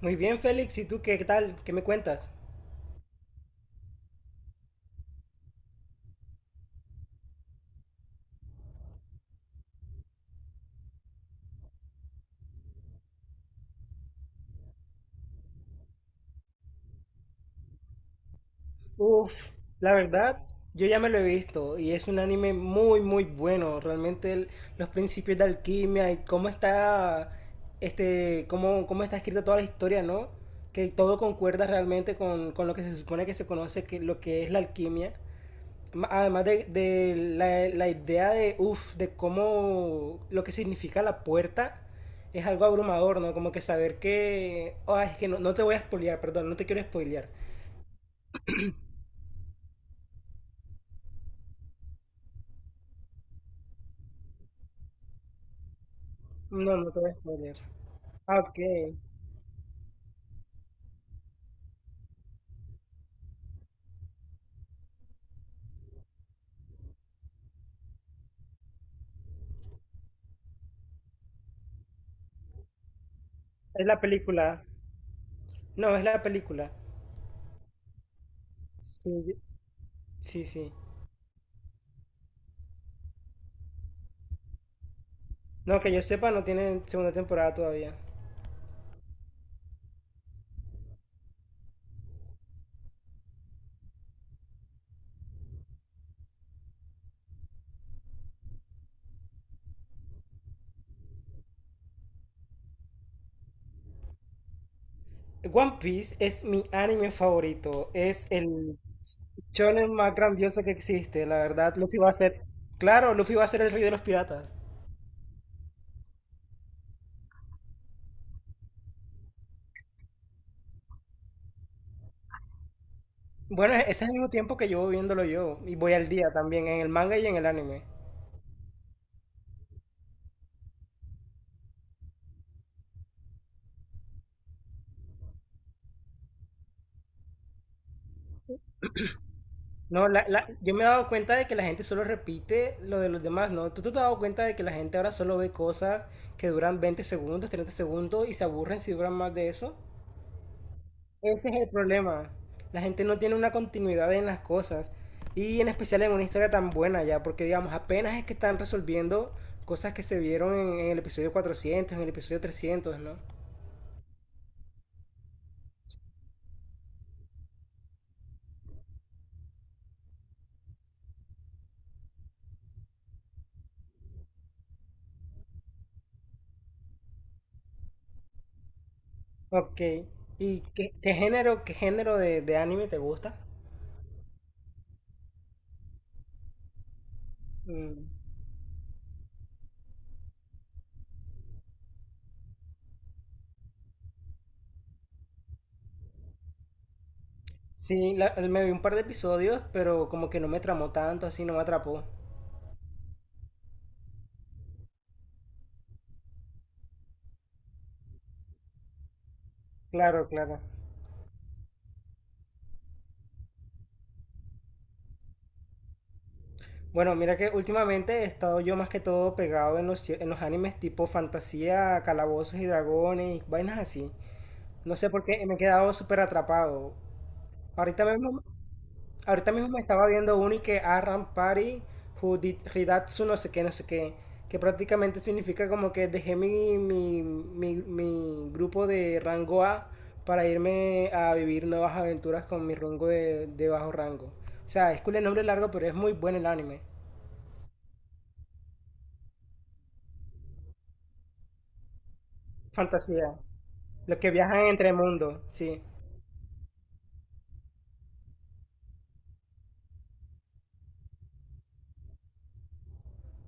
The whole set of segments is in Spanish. Muy bien, Félix, ¿y tú qué tal? ¿Qué me cuentas? Uf, la verdad, yo ya me lo he visto y es un anime muy, muy bueno. Realmente los principios de alquimia y cómo está, cómo está escrita toda la historia, ¿no? Que todo concuerda realmente con lo que se supone que se conoce, que lo que es la alquimia. Además de la idea de cómo lo que significa la puerta es algo abrumador, ¿no? Como que saber que, ah, es que no te voy a spoilear, perdón, no te quiero spoilear. No, no te voy a spoilear. Ah, ok. Es la película. No, es la película. Sí, sí, sí. No, que yo sepa, no tiene segunda temporada todavía. One Piece es mi anime favorito. Es el shonen más grandioso que existe, la verdad. Luffy va a ser. Claro, Luffy va a ser el rey de los piratas. Bueno, ese es el mismo tiempo que llevo viéndolo yo. Y voy al día también, en el manga y en el anime. No, yo me he dado cuenta de que la gente solo repite lo de los demás, ¿no? ¿Tú te has dado cuenta de que la gente ahora solo ve cosas que duran 20 segundos, 30 segundos y se aburren si duran más de eso? Ese es el problema. La gente no tiene una continuidad en las cosas. Y en especial en una historia tan buena ya, porque digamos, apenas es que están resolviendo cosas que se vieron en el episodio 400, en el episodio 300, ¿no? Ok. ¿Y qué género de anime te gusta? Mm, sí, me vi un par de episodios, pero como que no me tramó tanto, así no me atrapó. Claro, claro. Bueno, mira que últimamente he estado yo más que todo pegado en los animes tipo fantasía, calabozos y dragones y vainas así. No sé por qué me he quedado súper atrapado. Ahorita mismo, Ahorita mismo me estaba viendo uno y que Aram Pari, who did Hidatsu, no sé qué, no sé qué, que prácticamente significa como que dejé mi grupo de rango A para irme a vivir nuevas aventuras con mi rango de bajo rango. O sea, es cool el nombre largo, pero es muy bueno el anime. Fantasía. Los que viajan entre mundos, sí.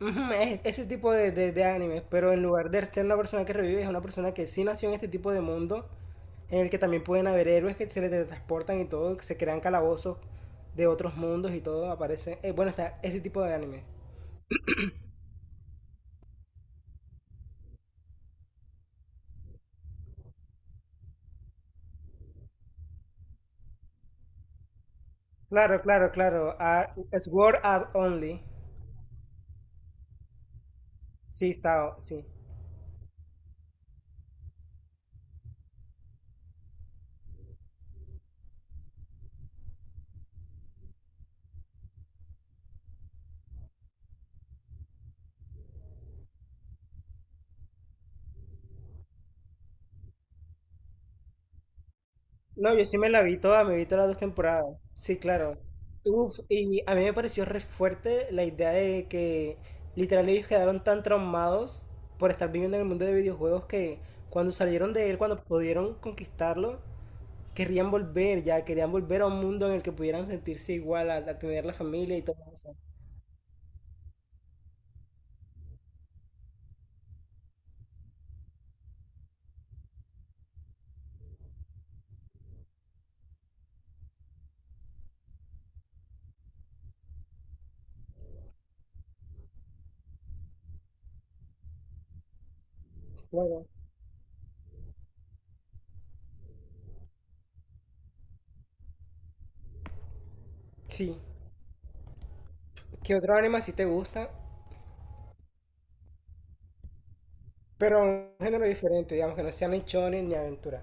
Ujú, es ese tipo de animes, pero en lugar de ser una persona que revive, es una persona que sí nació en este tipo de mundo, en el que también pueden haber héroes que se le teletransportan y todo, que se crean calabozos de otros mundos y todo, aparece. Bueno, está ese tipo de anime. Claro, claro, claro. Ah, es Sword Art Only. Sí, Sao, sí. No, yo sí me la vi toda, me vi todas las dos temporadas. Sí, claro. Uf, y a mí me pareció re fuerte la idea de que literal ellos quedaron tan traumados por estar viviendo en el mundo de videojuegos que cuando salieron de él, cuando pudieron conquistarlo, querrían volver ya, querían volver a un mundo en el que pudieran sentirse igual, a, tener la familia y todo eso. Bueno, sí. ¿Qué otro anime sí te gusta? Pero un género diferente, digamos, que no sea ni shonen ni aventura.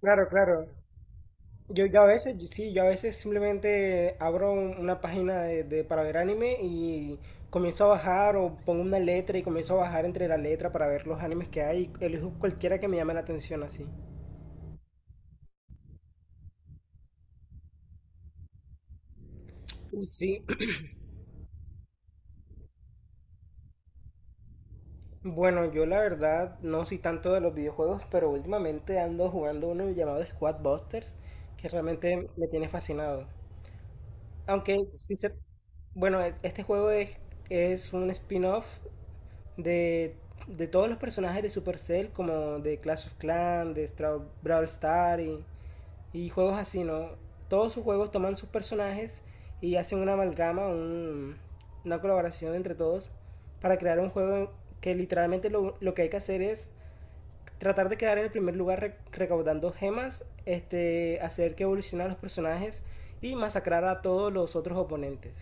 Claro, claro. Yo a veces, sí, yo a veces simplemente abro una página para ver anime y comienzo a bajar o pongo una letra y comienzo a bajar entre la letra para ver los animes que hay y elijo cualquiera que me llame la atención así. Sí, bueno, yo la verdad no soy tanto de los videojuegos, pero últimamente ando jugando uno llamado Squad Busters que realmente me tiene fascinado. Aunque, sí, bueno, este juego es un spin-off de, de todos los personajes de Supercell, como de Clash of Clans, de Brawl Star y juegos así, ¿no? Todos sus juegos toman sus personajes y hacen una amalgama, una colaboración entre todos para crear un juego que literalmente lo que hay que hacer es tratar de quedar en el primer lugar recaudando gemas, hacer que evolucionen los personajes y masacrar a todos los otros oponentes.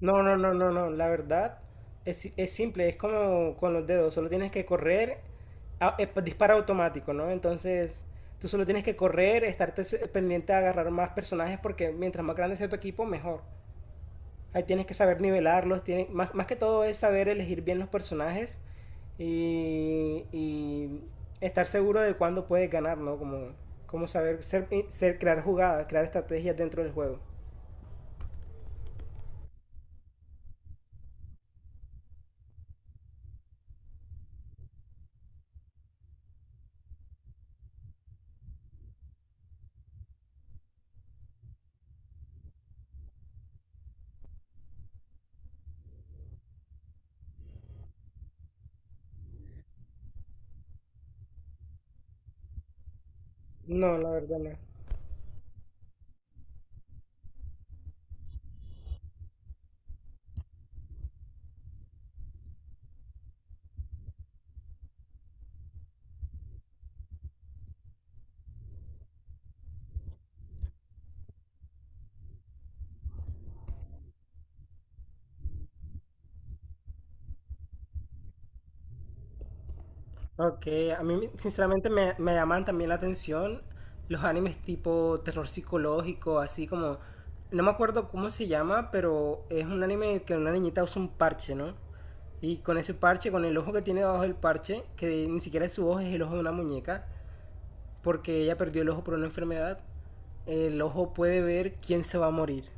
No, no, no, no, no. La verdad es, si- es simple, es como con los dedos. Solo tienes que correr, dispara automático, ¿no? Entonces, tú solo tienes que correr, estarte pendiente a agarrar más personajes porque mientras más grande sea tu equipo, mejor. Ahí tienes que saber nivelarlos, más que todo es saber elegir bien los personajes y estar seguro de cuándo puedes ganar, ¿no? Como saber ser, crear jugadas, crear estrategias dentro del juego. No, la verdad no. Ok, a mí sinceramente me llaman también la atención los animes tipo terror psicológico, así como, no me acuerdo cómo se llama, pero es un anime que una niñita usa un parche, ¿no? Y con ese parche, con el ojo que tiene debajo del parche, que ni siquiera es su ojo, es el ojo de una muñeca, porque ella perdió el ojo por una enfermedad, el ojo puede ver quién se va a morir.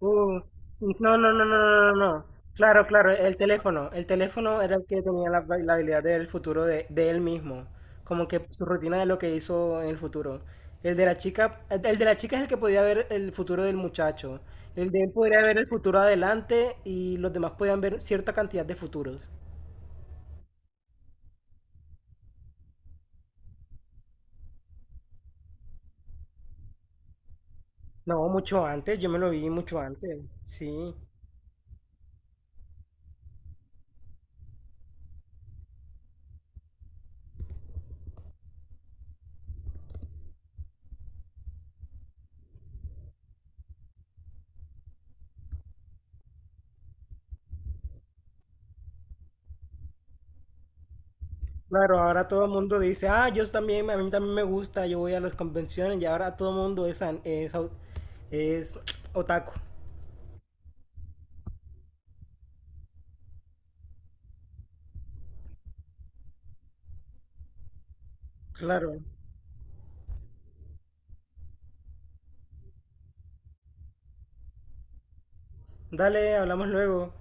Uh, no, no, no, no, no, no. No. Claro, claro, el teléfono. El teléfono era el que tenía la habilidad del futuro de él mismo. Como que su rutina de lo que hizo en el futuro. El de la chica, el de la chica es el que podía ver el futuro del muchacho. El de él podría ver el futuro adelante y los demás podían ver cierta cantidad de futuros. No, mucho antes, yo me lo vi mucho antes. Sí. Claro, ahora todo el mundo dice, ah, yo también, a mí también me gusta, yo voy a las convenciones y ahora todo el mundo es, an- es, au- es otaku. Claro. Dale, hablamos luego.